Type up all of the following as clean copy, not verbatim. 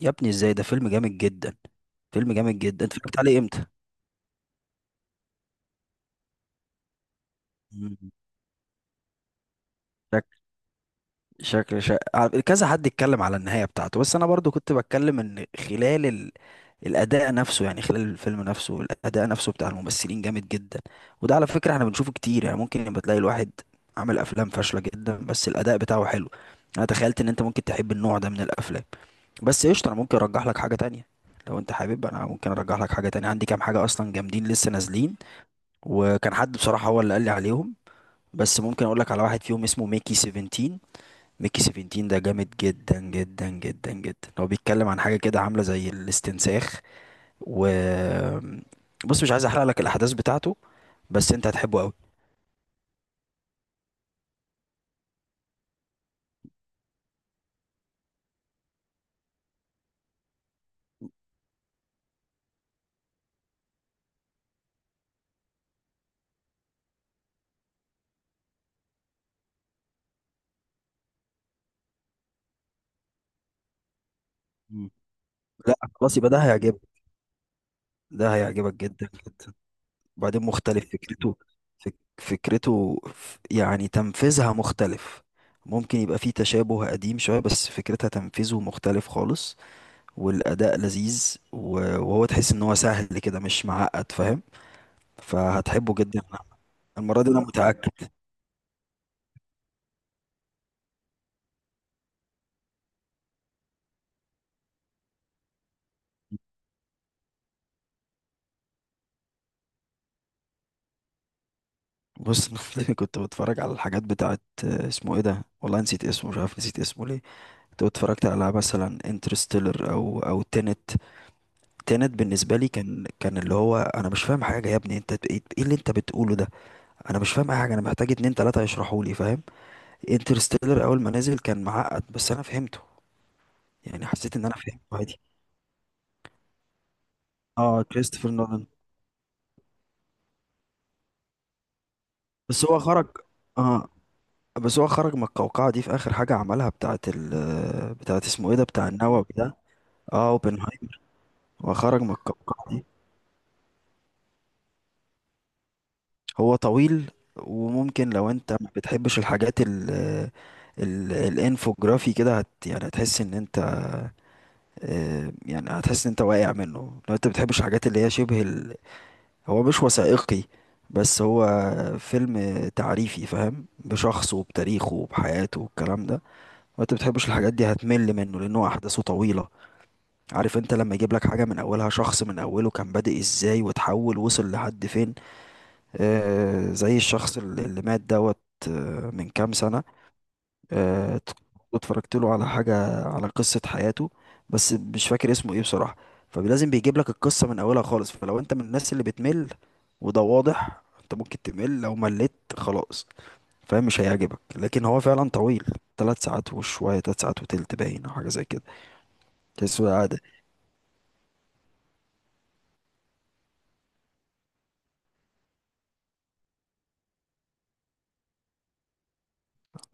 يا ابني ازاي؟ ده فيلم جامد جدا. فيلم جامد جدا. انت اتفرجت عليه امتى؟ مم. شكل شكل كذا حد اتكلم على النهاية بتاعته، بس انا برضو كنت بتكلم ان خلال ال... الاداء نفسه، يعني خلال الفيلم نفسه الاداء نفسه بتاع الممثلين جامد جدا. وده على فكرة احنا بنشوفه كتير، يعني ممكن يبقى تلاقي الواحد عامل افلام فاشلة جدا بس الاداء بتاعه حلو. انا تخيلت ان انت ممكن تحب النوع ده من الافلام. بس قشطة، انا ممكن ارجح لك حاجة تانية. لو انت حابب انا ممكن ارجح لك حاجة تانية، عندي كام حاجة اصلا جامدين لسه نازلين، وكان حد بصراحة هو اللي قال لي عليهم. بس ممكن اقول لك على واحد فيهم اسمه ميكي 17. ميكي 17 ده جامد جدا جدا جدا جدا. هو بيتكلم عن حاجة كده عاملة زي الاستنساخ. و... بص مش عايز احرق لك الاحداث بتاعته، بس انت هتحبه قوي. مم. لا خلاص، يبقى ده هيعجبك. ده هيعجبك جدا جدا. وبعدين مختلف فكرته. يعني تنفيذها مختلف. ممكن يبقى فيه تشابه قديم شوية، بس فكرتها تنفيذه مختلف خالص. والاداء لذيذ وهو تحس ان هو سهل كده مش معقد، فاهم؟ فهتحبه جدا. المره دي انا متاكد. بص أنا كنت بتفرج على الحاجات بتاعت آه، اسمه ايه ده والله، نسيت اسمه، مش عارف نسيت اسمه ليه. كنت اتفرجت على مثلا انترستيلر او تينت. تينت بالنسبه لي كان اللي هو انا مش فاهم حاجه. يا ابني انت ب- ايه إيه اللي انت بتقوله ده؟ انا مش فاهم اي حاجه، انا محتاج اتنين تلاته يشرحوا لي، فاهم؟ انترستيلر اول ما نزل كان معقد بس انا فهمته، يعني حسيت ان انا فهمته عادي. اه، كريستوفر نولان. بس هو خرج. اه، بس هو خرج من القوقعة دي في آخر حاجة عملها، بتاعة ال بتاعة اسمه ايه ده، بتاع النووي ده. اه، اوبنهايمر. هو خرج من القوقعة دي. هو طويل، وممكن لو انت ما بتحبش الحاجات ال ال الانفوجرافي كده هت يعني هتحس ان انت آه، يعني هتحس ان انت واقع منه لو انت بتحبش الحاجات اللي هي شبه ال... هو مش وثائقي، بس هو فيلم تعريفي، فاهم؟ بشخصه وبتاريخه وبحياته والكلام ده. وانت بتحبش الحاجات دي هتمل منه، لانه احداثه طويله. عارف انت لما يجيب لك حاجه من اولها، شخص من اوله كان بادئ ازاي وتحول وصل لحد فين. آه زي الشخص اللي مات دوت. آه، من كام سنه. آه. اتفرجت له على حاجه على قصه حياته، بس مش فاكر اسمه ايه بصراحه. فلازم بيجيب لك القصه من اولها خالص، فلو انت من الناس اللي بتمل، وده واضح انت ممكن تمل، لو مليت خلاص فاهم مش هيعجبك. لكن هو فعلا طويل، ثلاث ساعات وشوية، ثلاث ساعات وتلت باين أو حاجة زي كده. كسوة عادة.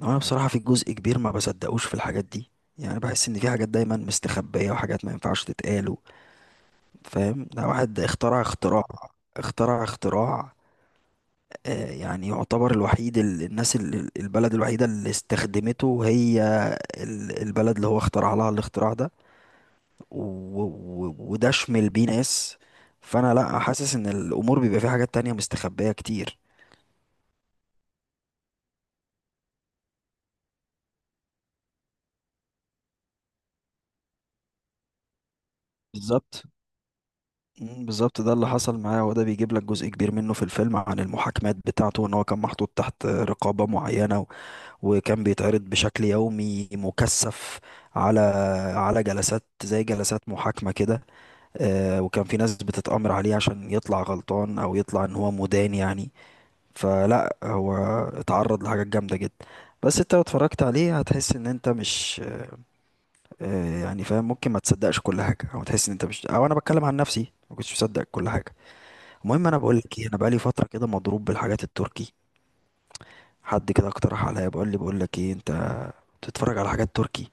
انا بصراحة في جزء كبير ما بصدقوش في الحاجات دي. يعني بحس ان في حاجات دايما مستخبية وحاجات ما ينفعش تتقال و... فاهم؟ ده واحد اخترع اختراع. اخترع اختراع. آه يعني يعتبر الوحيد، البلد الوحيدة اللي استخدمته هي ال- البلد اللي هو اخترع لها الاختراع ده. وده شمل بيه ناس. فانا لا حاسس ان الامور بيبقى فيها حاجات تانية مستخبية كتير. بالظبط. مم، بالظبط، ده اللي حصل معاه، وده بيجيب لك جزء كبير منه في الفيلم عن المحاكمات بتاعته، ان هو كان محطوط تحت رقابة معينة وكان بيتعرض بشكل يومي مكثف على على جلسات زي جلسات محاكمة كده. آه، وكان في ناس بتتأمر عليه عشان يطلع غلطان او يطلع ان هو مدان يعني. فلا هو اتعرض لحاجات جامدة جدا. بس انت لو اتفرجت عليه هتحس ان انت مش آه، يعني فاهم ممكن ما تصدقش كل حاجة، او تحس ان انت مش، او انا بتكلم عن نفسي ما كنتش مصدق كل حاجة. المهم انا بقول لك ايه، انا بقالي فتره كده مضروب بالحاجات التركي. حد كده اقترح عليا بقول لي بقول لك ايه انت بتتفرج على حاجات تركي.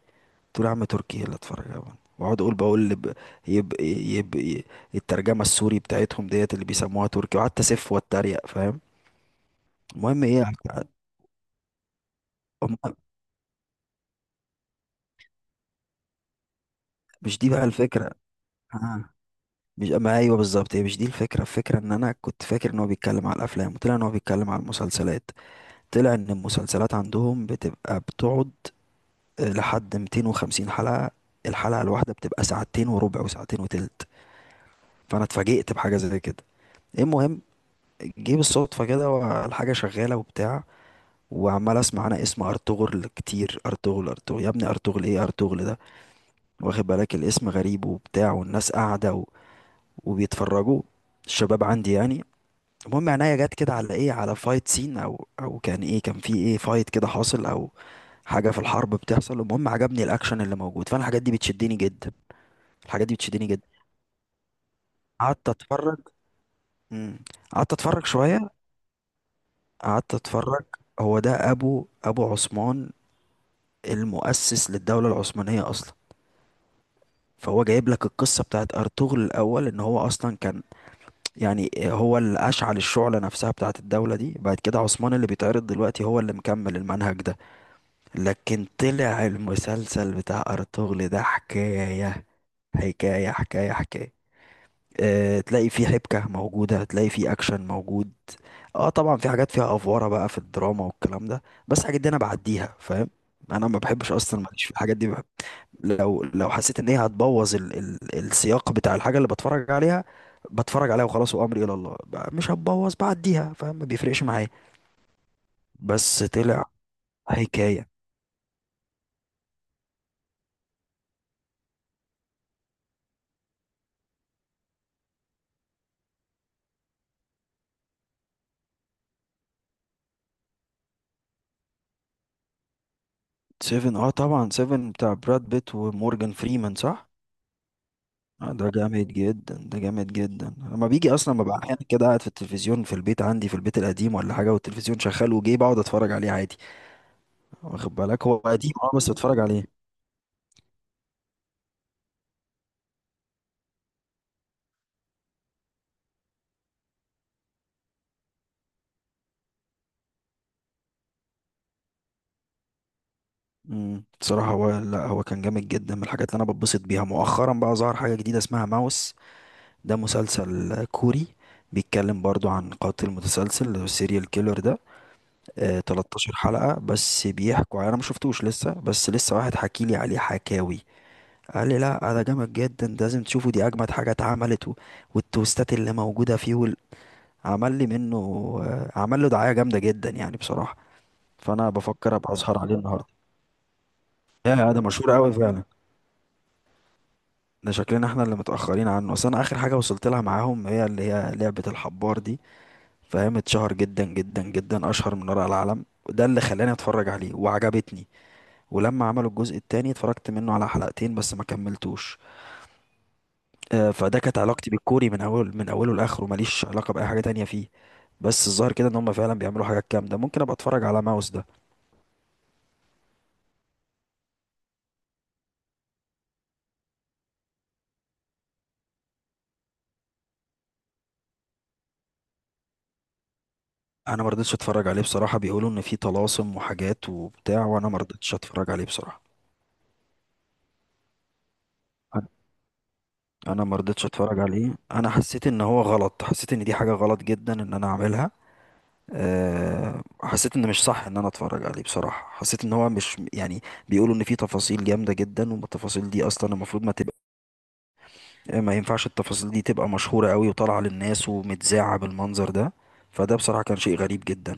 قلت له يا عم تركي إيه اللي اتفرج عليها، واقعد اقول بقول يب... يب... يب... الترجمه السوري بتاعتهم ديت اللي بيسموها تركي، وقعدت اسف واتريق فاهم. المهم ايه؟ أم- مش دي بقى الفكره. آه. مش ما ايوه بالظبط، هي مش دي الفكره، الفكره ان انا كنت فاكر ان هو بيتكلم على الافلام، وطلع ان هو بيتكلم على المسلسلات. طلع ان المسلسلات عندهم بتبقى بتقعد لحد 250 حلقة. الحلقة الواحدة بتبقى ساعتين وربع وساعتين وتلت. فأنا اتفاجئت بحاجة زي كده. المهم جه بالصدفة كده والحاجة شغالة وبتاع، وعمال اسمع انا اسم ارطغرل كتير، ارطغرل ارطغرل يا ابني ارطغرل ايه ارطغرل ده، واخد بالك الاسم غريب وبتاع، والناس قاعدة و... وبيتفرجوا، الشباب عندي يعني. المهم عينيا جت كده على ايه، على فايت سين او كان ايه كان في ايه فايت كده حاصل او حاجة في الحرب بتحصل. المهم عجبني الاكشن اللي موجود، فانا الحاجات دي بتشدني جدا. الحاجات دي بتشدني جدا. قعدت اتفرج. مم. قعدت اتفرج شويه. قعدت اتفرج، هو ده ابو عثمان المؤسس للدوله العثمانيه اصلا. فهو جايب لك القصه بتاعت ارطغرل الاول، ان هو اصلا كان، يعني هو اللي اشعل الشعله نفسها بتاعت الدوله دي. بعد كده عثمان اللي بيتعرض دلوقتي هو اللي مكمل المنهج ده. لكن طلع المسلسل بتاع ارطغرل ده حكايه حكايه حكايه حكايه. آه، تلاقي فيه حبكة موجودة، تلاقي فيه أكشن موجود. اه طبعا في حاجات فيها أفوارة بقى في الدراما والكلام ده، بس الحاجات دي أنا بعديها فاهم. أنا ما بحبش أصلا، ماليش في الحاجات دي بحب. لو حسيت إن هي هتبوظ ال ال السياق بتاع الحاجة اللي بتفرج عليها، بتفرج عليها وخلاص وأمري إلى الله بقى، مش هتبوظ بعديها فاهم، ما بيفرقش معايا. بس طلع حكاية. سيفن، اه طبعا، سيفن بتاع براد بيت ومورجان فريمان، صح؟ آه، ده جامد جدا. ده جامد جدا، لما بيجي اصلا ببقى احيانا كده قاعد في التلفزيون، في البيت عندي في البيت القديم ولا حاجه، والتلفزيون شغال وجاي بقعد اتفرج عليه عادي. واخد بالك هو قديم اه، بس بتفرج عليه. بصراحه، هو لا هو كان جامد جدا. من الحاجات اللي انا بتبسط بيها مؤخرا بقى ظهر حاجه جديده اسمها ماوس. ده مسلسل كوري. بيتكلم برضو عن قاتل متسلسل اللي هو السيريال كيلر ده. آه 13 حلقه بس بيحكوا، انا ما شفتوش لسه، بس لسه واحد حكي لي عليه حكاوي. قال لي لا ده جامد جدا، ده لازم تشوفه، دي اجمد حاجه اتعملت و... والتوستات اللي موجوده فيه وال... عمل لي منه آه، عمل له دعايه جامده جدا يعني بصراحه. فانا بفكر ابقى اسهر عليه النهارده. يا ده مشهور قوي فعلا. ده شكلنا احنا اللي متاخرين عنه. اصل انا اخر حاجه وصلت لها معاهم هي اللي هي لعبه الحبار دي، فاهم؟ اتشهر جدا جدا جدا، اشهر من ورق العالم، وده اللي خلاني اتفرج عليه وعجبتني. ولما عملوا الجزء التاني اتفرجت منه على حلقتين بس ما كملتوش. آه، فده كانت علاقتي بالكوري من اول من اوله لاخره، ماليش علاقه باي حاجه تانية فيه. بس الظاهر كده ان هم فعلا بيعملوا حاجات جامده، ممكن ابقى اتفرج على ماوس ده. انا ما رضيتش اتفرج عليه بصراحه، بيقولوا ان فيه طلاسم وحاجات وبتاع، وانا ما رضيتش اتفرج عليه بصراحه. انا. أنا ما رضيتش اتفرج عليه، انا حسيت ان هو غلط، حسيت ان دي حاجه غلط جدا ان انا اعملها. أه حسيت ان مش صح ان انا اتفرج عليه بصراحه، حسيت ان هو مش يعني. بيقولوا ان فيه تفاصيل جامده جدا، والتفاصيل دي اصلا المفروض ما تبقى، ما ينفعش التفاصيل دي تبقى مشهورة قوي وطالعة للناس ومتذاعة بالمنظر ده. فده بصراحة كان شيء غريب جدا.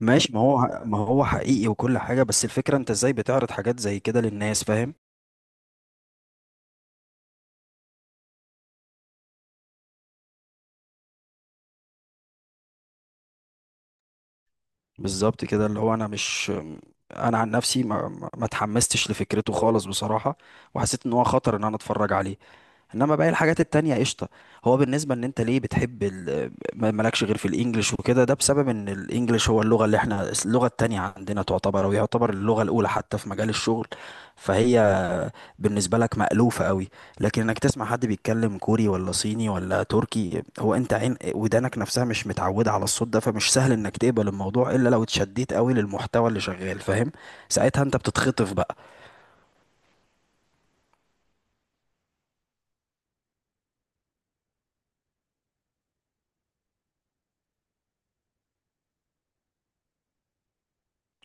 ماشي، ما هو ما هو حقيقي وكل حاجة، بس الفكرة انت ازاي بتعرض حاجات زي كده للناس، فاهم؟ بالظبط كده، اللي هو انا مش، انا عن نفسي ما اتحمستش لفكرته خالص بصراحة. وحسيت ان هو خطر ان انا اتفرج عليه. انما باقي الحاجات التانية قشطة. هو بالنسبة ان انت ليه بتحب ال... مالكش غير في الانجليش وكده، ده بسبب ان الانجليش هو اللغة اللي احنا اللغة التانية عندنا تعتبر او يعتبر اللغة الاولى حتى في مجال الشغل. فهي بالنسبة لك مألوفة قوي. لكن انك تسمع حد بيتكلم كوري ولا صيني ولا تركي، هو انت عين ودانك نفسها مش متعودة على الصوت ده، فمش سهل انك تقبل الموضوع الا لو اتشديت قوي للمحتوى اللي شغال، فاهم؟ ساعتها انت بتتخطف بقى.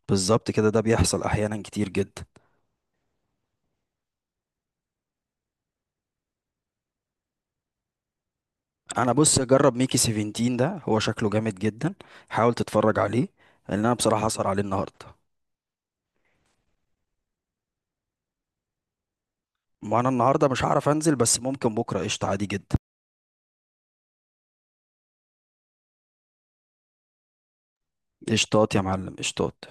بالظبط كده، ده بيحصل احيانا كتير جدا. انا بص جرب ميكي 17 ده، هو شكله جامد جدا. حاول تتفرج عليه، لان انا بصراحه هسهر عليه النهارده. ما انا النهارده مش هعرف انزل، بس ممكن بكره قشطه عادي جدا. قشطات يا معلم قشطات.